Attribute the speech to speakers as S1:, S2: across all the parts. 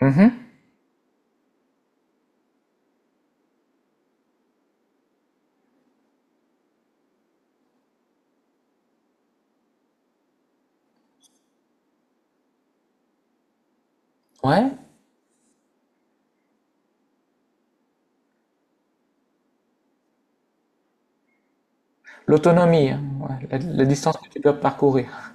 S1: Mhm. Ouais. L'autonomie, hein, ouais, la distance que tu peux parcourir.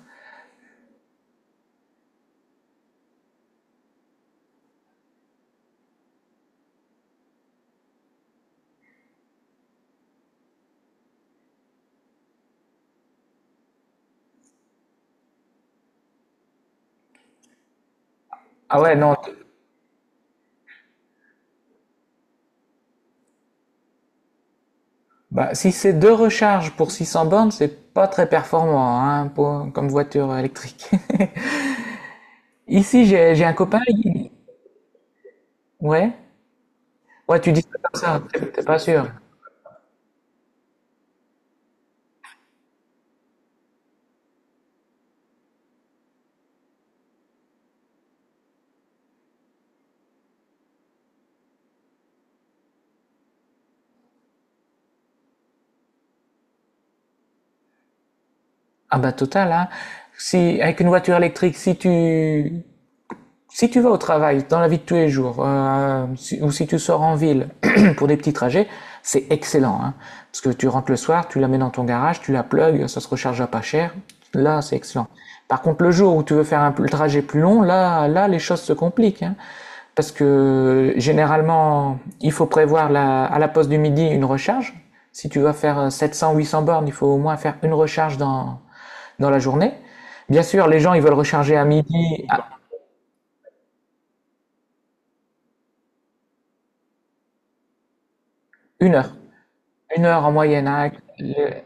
S1: Ah ouais, non. Bah, si c'est deux recharges pour 600 bornes, c'est pas très performant, hein, comme voiture électrique. Ici, j'ai un copain. Ouais. Ouais, tu dis ça comme ça, t'es pas sûr. Ah bah total, hein. Si, avec une voiture électrique, si tu... Si tu vas au travail, dans la vie de tous les jours, ou si tu sors en ville pour des petits trajets, c'est excellent, hein. Parce que tu rentres le soir, tu la mets dans ton garage, tu la plugs, ça se recharge à pas cher. Là, c'est excellent. Par contre, le jour où tu veux faire un trajet plus long, là, là, les choses se compliquent, hein. Parce que généralement, il faut prévoir à la pause du midi une recharge. Si tu vas faire 700, 800 bornes, il faut au moins faire une recharge dans, dans la journée. Bien sûr, les gens, ils veulent recharger à midi, à une heure. Une heure en moyenne, hein, avec le-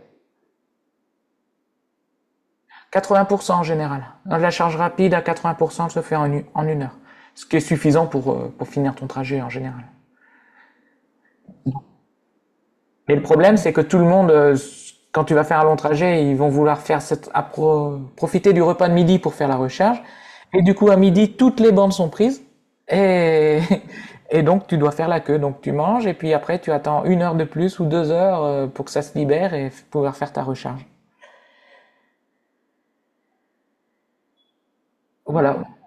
S1: 80% en général. La charge rapide à 80% se fait en, en une heure, ce qui est suffisant pour finir ton trajet en général. Et le problème, c'est que tout le monde, quand tu vas faire un long trajet, ils vont vouloir faire cette, profiter du repas de midi pour faire la recharge. Et du coup, à midi, toutes les bandes sont prises. Et, et donc, tu dois faire la queue. Donc, tu manges et puis après, tu attends une heure de plus ou deux heures pour que ça se libère et pouvoir faire ta recharge. Voilà.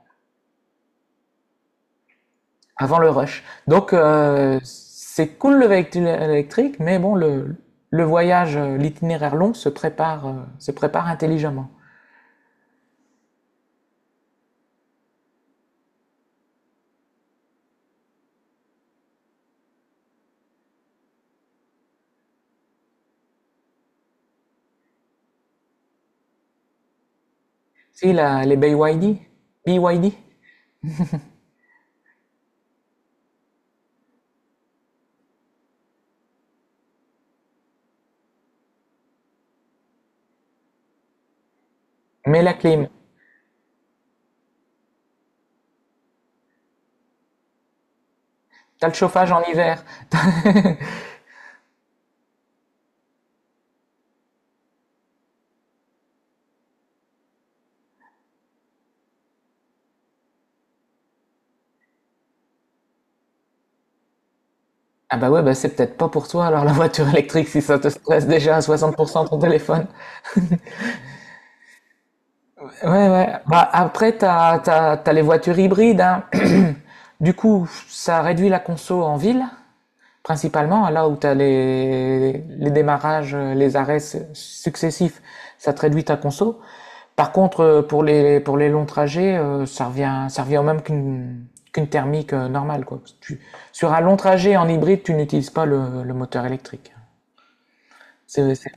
S1: Avant le rush. Donc, c'est cool le véhicule électrique, mais bon, le voyage, l'itinéraire long se prépare intelligemment. Si, la, les BYD, BYD, mets la clim, t'as le chauffage en hiver. Ah bah ouais, bah c'est peut-être pas pour toi alors la voiture électrique si ça te stresse déjà à 60% ton téléphone. Ouais, ouais. Bah après, t'as les voitures hybrides, hein. Du coup, ça réduit la conso en ville, principalement, hein, là où tu as les démarrages, les arrêts successifs, ça te réduit ta conso. Par contre, pour les longs trajets, ça revient au même qu'une qu'une thermique normale, quoi. Sur un long trajet en hybride, tu n'utilises pas le, le moteur électrique. C'est, c'est-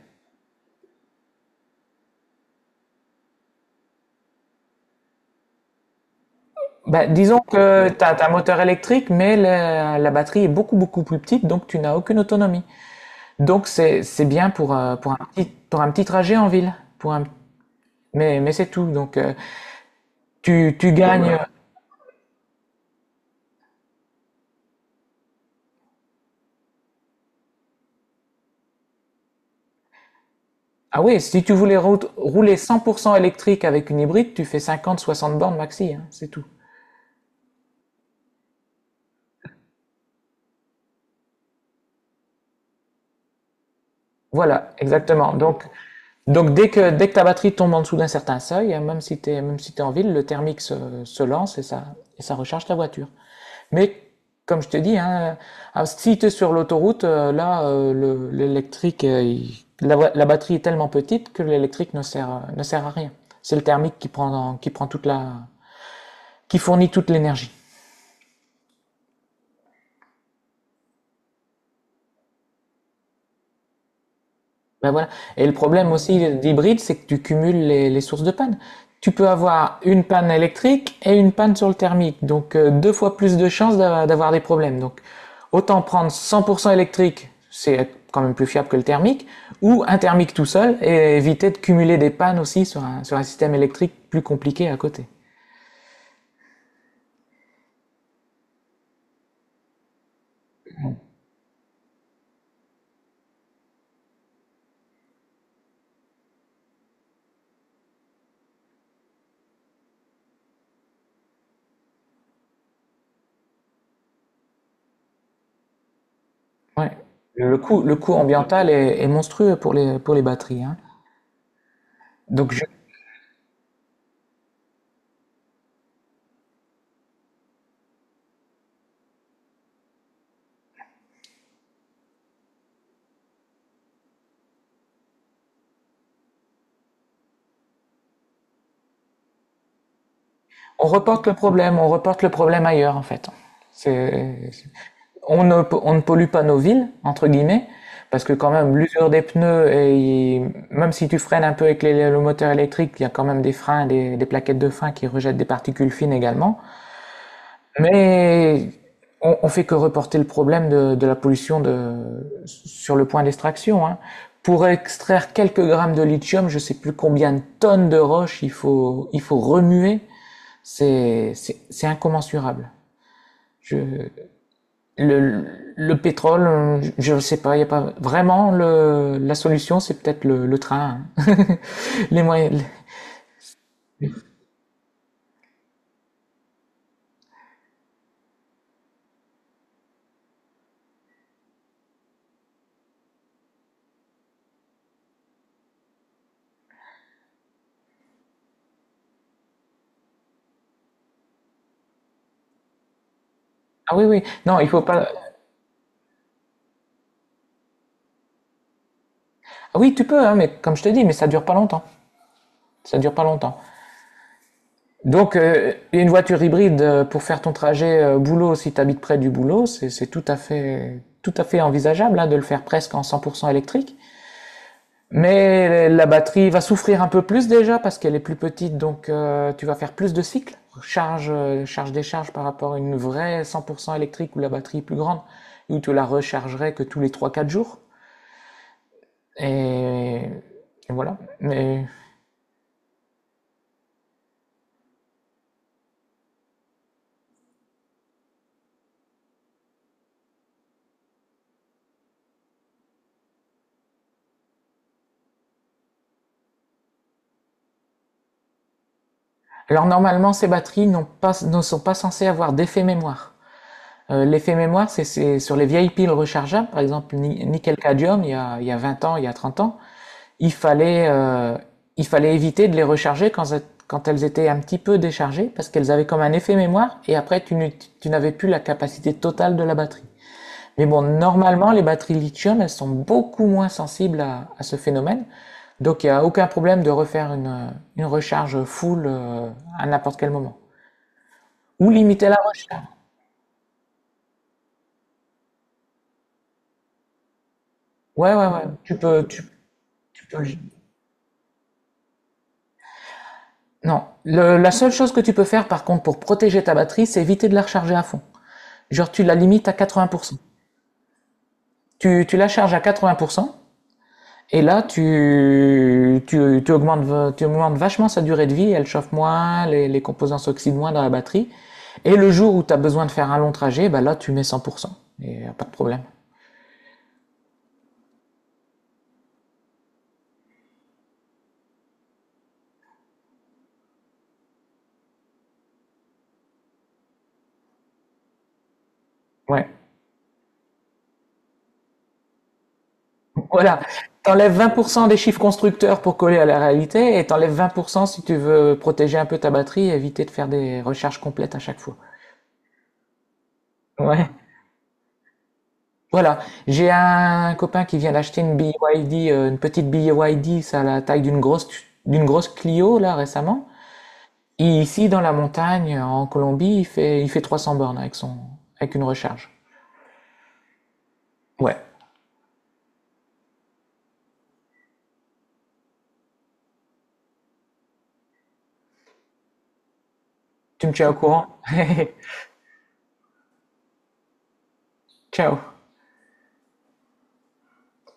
S1: Bah, disons que tu as, un moteur électrique, mais la batterie est beaucoup, beaucoup plus petite, donc tu n'as aucune autonomie. Donc c'est bien pour un petit trajet en ville, pour un, mais c'est tout. Donc, tu, tu gagnes. Voilà. Ah oui, si tu voulais rouler 100% électrique avec une hybride, tu fais 50-60 bornes maxi, hein, c'est tout. Voilà, exactement. Donc dès que ta batterie tombe en dessous d'un certain seuil, hein, même si tu es en ville, le thermique se lance et ça recharge ta voiture. Mais comme je te dis, hein, ah, si tu es sur l'autoroute, là, l'électrique, la batterie est tellement petite que l'électrique ne sert à rien. C'est le thermique qui prend toute la, qui fournit toute l'énergie. Ben voilà. Et le problème aussi d'hybride, c'est que tu cumules les sources de panne. Tu peux avoir une panne électrique et une panne sur le thermique. Donc, deux fois plus de chances d'avoir des problèmes. Donc, autant prendre 100% électrique, c'est quand même plus fiable que le thermique, ou un thermique tout seul et éviter de cumuler des pannes aussi sur un système électrique plus compliqué à côté. Ouais. Le coût ambiental est monstrueux pour les batteries, hein. Donc, on reporte le problème, on reporte le problème ailleurs, en fait. C'est, on ne pollue pas nos villes, entre guillemets, parce que quand même l'usure des pneus, et même si tu freines un peu avec le moteur électrique, il y a quand même des freins, des plaquettes de frein qui rejettent des particules fines également. Mais on fait que reporter le problème de la pollution de, sur le point d'extraction, hein. Pour extraire quelques grammes de lithium, je sais plus combien de tonnes de roches il faut remuer, c'est incommensurable. Je, le pétrole, je ne sais pas, il n'y a pas vraiment le, la solution, c'est peut-être le train. Hein. Les moyens. Ah oui, oui. Non, il faut pas. Ah oui, tu peux, hein, mais comme je te dis, mais ça dure pas longtemps. Ça dure pas longtemps. Donc, une voiture hybride pour faire ton trajet boulot, si tu habites près du boulot, c'est tout à fait envisageable, hein, de le faire presque en 100% électrique. Mais la batterie va souffrir un peu plus déjà parce qu'elle est plus petite, donc tu vas faire plus de cycles, charge, charge décharge par rapport à une vraie 100% électrique où la batterie est plus grande, où tu la rechargerais que tous les trois-quatre jours. Et, et voilà. Mais... Alors normalement, ces batteries n'ont pas, ne sont pas censées avoir d'effet mémoire. L'effet mémoire, c'est sur les vieilles piles rechargeables, par exemple nickel-cadmium, il y a 20 ans, il y a 30 ans. Il fallait, euh, il fallait éviter de les recharger quand, quand elles étaient un petit peu déchargées parce qu'elles avaient comme un effet mémoire et après tu n'avais plus la capacité totale de la batterie. Mais bon, normalement, les batteries lithium, elles sont beaucoup moins sensibles à ce phénomène. Donc il n'y a aucun problème de refaire une recharge full à n'importe quel moment. Ou limiter la recharge. Ouais, ouais, ouais. Tu peux. Non. La seule chose que tu peux faire, par contre, pour protéger ta batterie, c'est éviter de la recharger à fond. Genre, tu la limites à 80%. Tu la charges à 80%, et là, augmentes, tu augmentes vachement sa durée de vie, elle chauffe moins, les composants s'oxydent moins dans la batterie. Et le jour où tu as besoin de faire un long trajet, bah là, tu mets 100%. Et y a pas de problème. Ouais. Voilà. T'enlèves 20% des chiffres constructeurs pour coller à la réalité et t'enlèves 20% si tu veux protéger un peu ta batterie et éviter de faire des recharges complètes à chaque fois. Ouais. Voilà, j'ai un copain qui vient d'acheter une BYD, une petite BYD, ça a la taille d'une grosse Clio là récemment. Et ici dans la montagne en Colombie, il fait 300 bornes avec son avec une recharge. Ouais, tu me tiens au courant. Ciao.